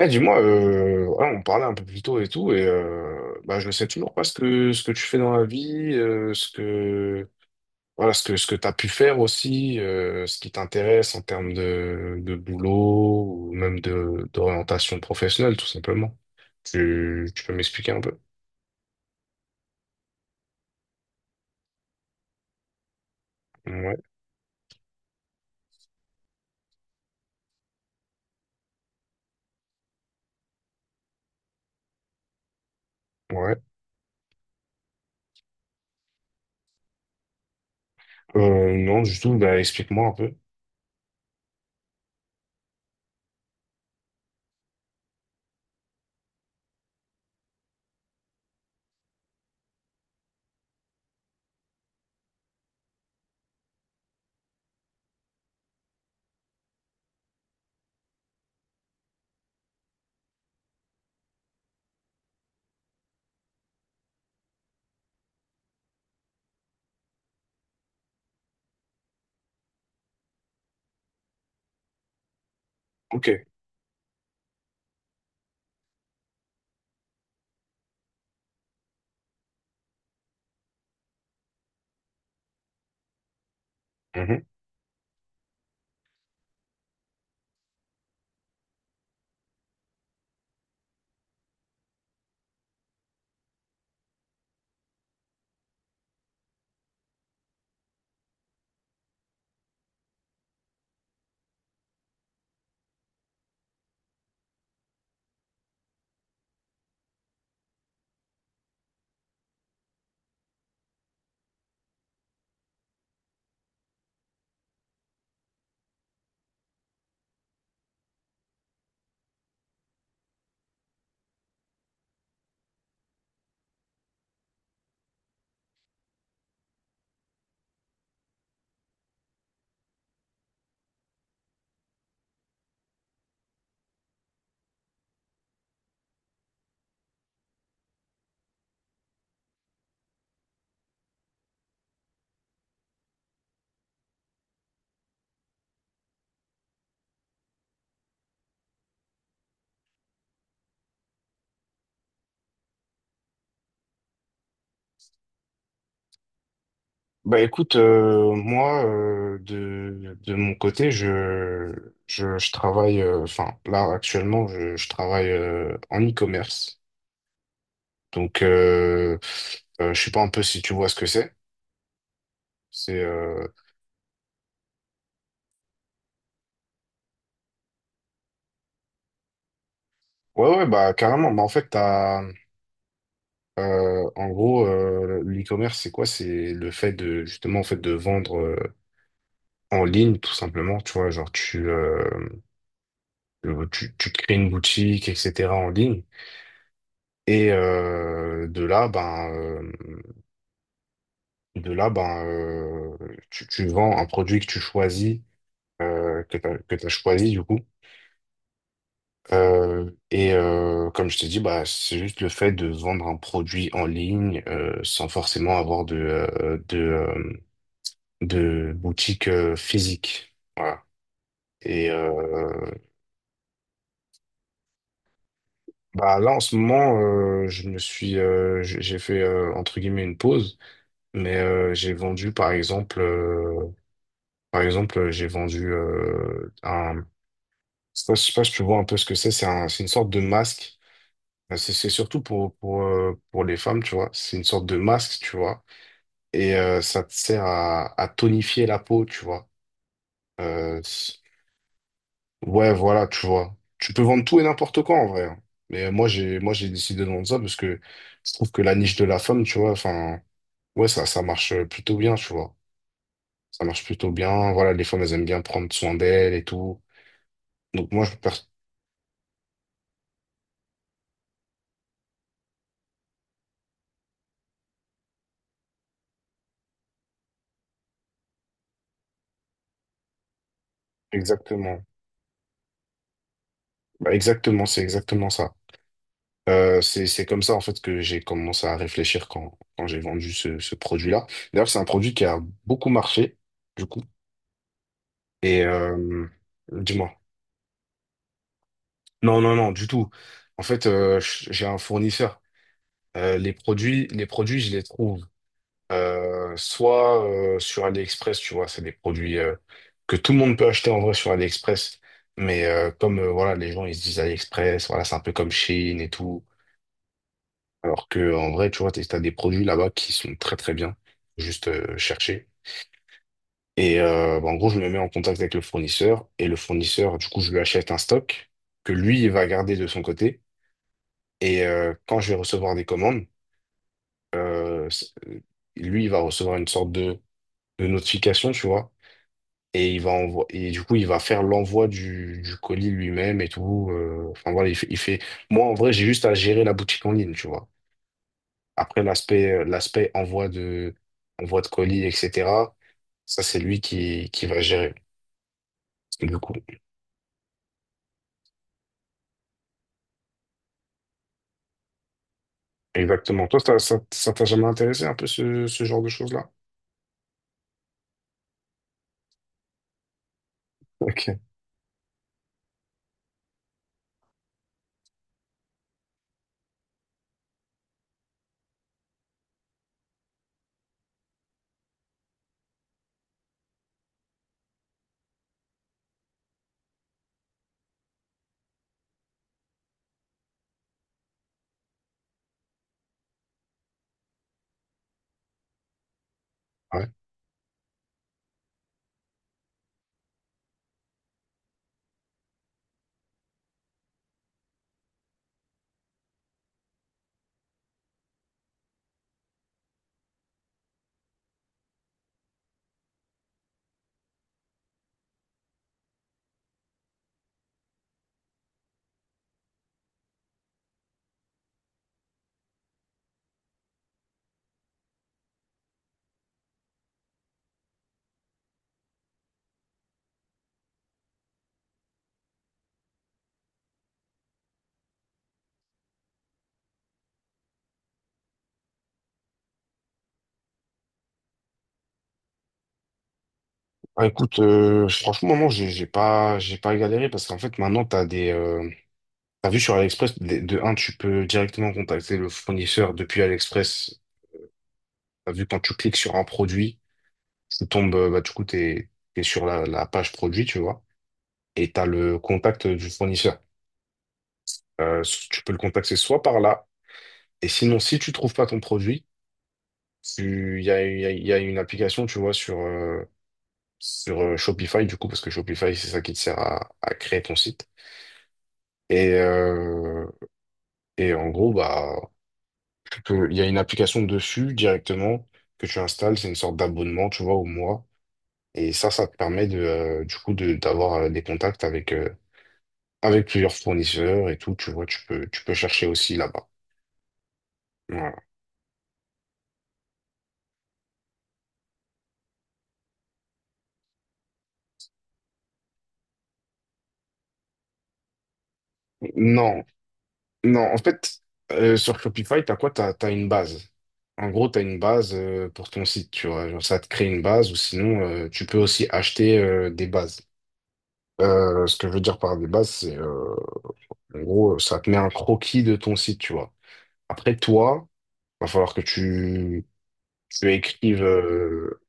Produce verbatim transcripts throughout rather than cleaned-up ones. Eh, dis-moi, euh, voilà, on parlait un peu plus tôt et tout, et euh, bah, je ne sais toujours pas ce que, ce que tu fais dans la vie, euh, ce que, voilà, ce que, ce que t'as pu faire aussi, euh, ce qui t'intéresse en termes de, de boulot ou même de, d'orientation professionnelle, tout simplement. Tu, tu peux m'expliquer un peu? Ouais, ouais. Euh, non, du tout, bah, explique-moi un peu. Ok. Bah écoute, euh, moi euh, de, de mon côté, je, je, je travaille, euh, enfin là actuellement, je, je travaille euh, en e-commerce. Donc euh, euh, je sais pas un peu si tu vois ce que c'est. C'est euh, ouais, ouais, bah carrément. Bah en fait t'as euh, en gros, euh, l'e-commerce c'est quoi? C'est le fait de justement en fait de vendre euh, en ligne, tout simplement. Tu vois, genre, tu euh, tu, tu crées une boutique, etc., en ligne. Et heu, de là, ben, heu, de là, ben, heu, tu tu vends un produit que tu choisis, heu, que tu que tu as choisi, du coup. Heu et heu, comme je t'ai dit, bah, c'est juste le fait de vendre un produit en ligne, heu, sans forcément avoir de, heu, de, hem, de boutique, heu, physique. Voilà. et heu, Bah, là en ce moment, heu, je me suis, heu, j'ai j'ai fait, heu, entre guillemets «une pause», mais heu, j'ai vendu par exemple, euh, par exemple, euh, j'ai vendu euh, un. Je sais pas je sais pas si tu vois un peu ce que c'est. C'est un- c'est une sorte de masque. Euh, C'est c'est surtout pour, pour, euh, pour les femmes, tu vois. C'est une sorte de masque, tu vois. Et euh, ça te sert à, à tonifier la peau, tu vois. Euh, c'est- ouais, voilà, tu vois. Tu peux vendre tout et n'importe quoi, en vrai, hein. Mais moi, j'ai moi j'ai décidé de vendre ça parce que je trouve que la niche de la femme, tu vois, enfin, ouais, ça, ça marche euh, plutôt bien, tu vois. Ça marche plutôt bien. Voilà, les femmes, elles aiment bien prendre soin d'elles et tout. Donc moi, je- Exactement. Bah, exactement, c'est exactement ça. Euh, c'est, c'est comme ça en fait que j'ai commencé à réfléchir quand, quand j'ai vendu ce, ce produit-là. D'ailleurs, c'est un produit qui a beaucoup marché, du coup. Et euh, dis-moi. Non, non, non, du tout. En fait, euh, j- j'ai un fournisseur. Euh, les produits, les produits, je les trouve euh, soit euh, sur AliExpress, tu vois. C'est des produits euh, que tout le monde peut acheter en vrai sur AliExpress. Mais euh, comme euh, voilà, les gens ils se disent AliExpress, voilà, c'est un peu comme Chine et tout. Alors que en vrai, tu vois, t'as t'as des produits là-bas qui sont très très bien, juste euh, chercher. Et euh, bah, en gros, je me mets en contact avec le fournisseur et le fournisseur, du coup, je lui achète un stock que lui, il va garder de son côté. Et euh, quand je vais recevoir des commandes, euh, c- euh, lui, il va recevoir une sorte de, de notification, tu vois. Et il va envoyer, et du coup, il va faire l'envoi du, du colis lui-même et tout. euh, Enfin voilà, il fait, il fait. Moi, en vrai, j'ai juste à gérer la boutique en ligne, tu vois. Après, l'aspect, euh, l'aspect envoi de, envoi de colis, et cetera, ça, c'est lui qui, qui va gérer, du coup. Exactement. Toi, ça, ça, ça t'a jamais intéressé un peu ce, ce genre de choses-là? Ok. Ouais. Bah, écoute, euh, franchement, non, j'ai j'ai pas, j'ai pas galéré parce qu'en fait, maintenant, t'as des, euh, t'as vu sur AliExpress, de, de un, tu peux directement contacter le fournisseur depuis AliExpress. T'as vu quand tu cliques sur un produit, tu tombes, euh, bah, du coup, t'es, t'es sur la, la page produit, tu vois, et t'as le contact du fournisseur. Euh, Tu peux le contacter soit par là, et sinon, si tu trouves pas ton produit, tu- il y a, il y a- il y a une application, tu vois, sur, euh, sur euh, Shopify, du coup, parce que Shopify, c'est ça qui te sert à, à créer ton site. Et, euh, et en gros, bah, tu peux- il y a une application dessus directement que tu installes. C'est une sorte d'abonnement, tu vois, au mois. Et ça, ça te permet de, euh, du coup, de, d'avoir euh, des contacts avec, euh, avec plusieurs fournisseurs et tout, tu vois, tu peux, tu peux chercher aussi là-bas. Voilà. Non, non, en fait, euh, sur Shopify, t'as quoi? T'as, t'as une base. En gros, t'as une base euh, pour ton site, tu vois. Genre, ça te crée une base ou sinon, euh, tu peux aussi acheter euh, des bases. Euh, ce que je veux dire par des bases, c'est euh, en gros, ça te met un croquis de ton site, tu vois. Après, toi, va falloir que tu, tu écrives. euh,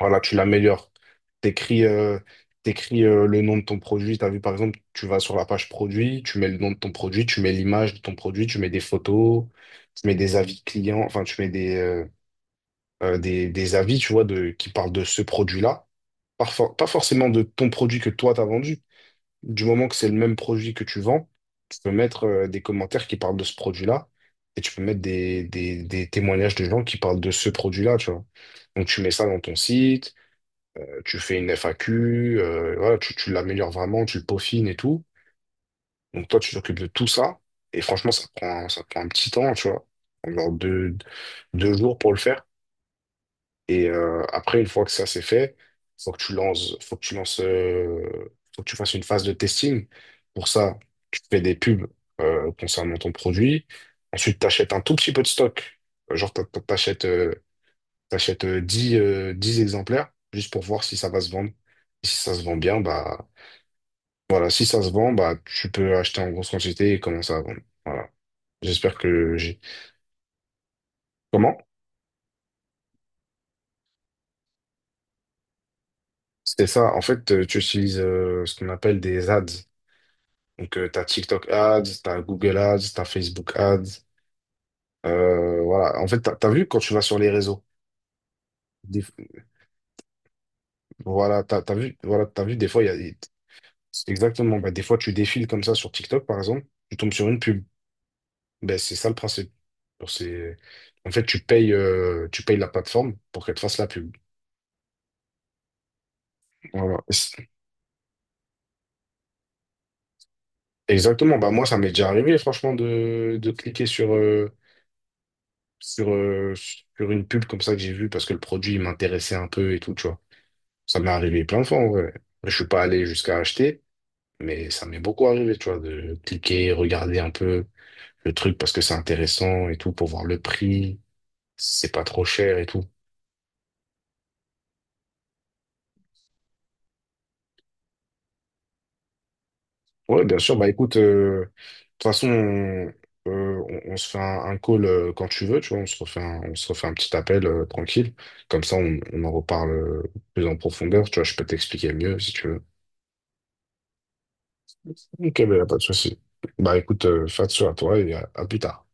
Voilà, tu l'améliores. T'écris euh, T'écris, euh, le nom de ton produit. T'as vu, par exemple, tu vas sur la page produit, tu mets le nom de ton produit, tu mets l'image de ton produit, tu mets des photos, tu mets des avis clients, enfin, tu mets des, euh, euh, des, des avis, tu vois, de, qui parlent de ce produit-là. Parfois, pas forcément de ton produit que toi, t'as vendu. Du moment que c'est le même produit que tu vends, tu peux mettre euh, des commentaires qui parlent de ce produit-là, et tu peux mettre des, des, des témoignages de gens qui parlent de ce produit-là, tu vois. Donc, tu mets ça dans ton site. Tu fais une F A Q. Euh, voilà, tu, tu l'améliores vraiment, tu le peaufines et tout. Donc toi, tu t'occupes de tout ça. Et franchement, ça prend, ça prend un petit temps, tu vois. Genre deux, deux jours pour le faire. Et euh, après, une fois que ça c'est fait, faut que tu lances, faut que tu lances, euh, faut que tu fasses une phase de testing. Pour ça, tu fais des pubs euh, concernant ton produit. Ensuite, tu achètes un tout petit peu de stock. Euh, Genre, t'a- t'a- t'achètes euh, T'achètes euh, dix euh, dix exemplaires juste pour voir si ça va se vendre. Et si ça se vend bien, bah voilà, si ça se vend, bah tu peux acheter en grosse quantité et commencer à vendre. Voilà. J'espère que j'ai. Comment? C'était ça. En fait, euh, tu utilises euh, ce qu'on appelle des ads. Donc, euh, t'as TikTok ads, t'as Google ads, t'as Facebook ads. Euh, voilà. En fait, t'as, t'as vu quand tu vas sur les réseaux. Des- Voilà, t'as, t'as vu, voilà, t'as vu, des fois, il y a. c'est Exactement. Bah, des fois, tu défiles comme ça sur TikTok, par exemple. Tu tombes sur une pub. Ben, c'est ça le principe. Pour ces- En fait, tu payes, euh, tu payes la plateforme pour qu'elle te fasse la pub. Voilà. c'est- Exactement. Bah, moi, ça m'est déjà arrivé, franchement, de, de cliquer sur, euh, sur, euh, sur une pub comme ça que j'ai vue parce que le produit il m'intéressait un peu et tout, tu vois. Ça m'est arrivé plein de fois, en vrai. Je suis pas allé jusqu'à acheter, mais ça m'est beaucoup arrivé, tu vois, de cliquer, regarder un peu le truc parce que c'est intéressant et tout, pour voir le prix, si c'est pas trop cher et tout. Ouais, bien sûr. Bah écoute, euh, de toute façon, on, euh, on- on se fait un, un call euh, quand tu veux, tu vois. On se refait un, on se refait un petit appel euh, tranquille. Comme ça, on, on en reparle euh, plus en profondeur. Tu vois, je peux t'expliquer mieux si tu veux. Ok, mais y a pas de souci. Bah écoute, euh, fais attention à toi et à à plus tard.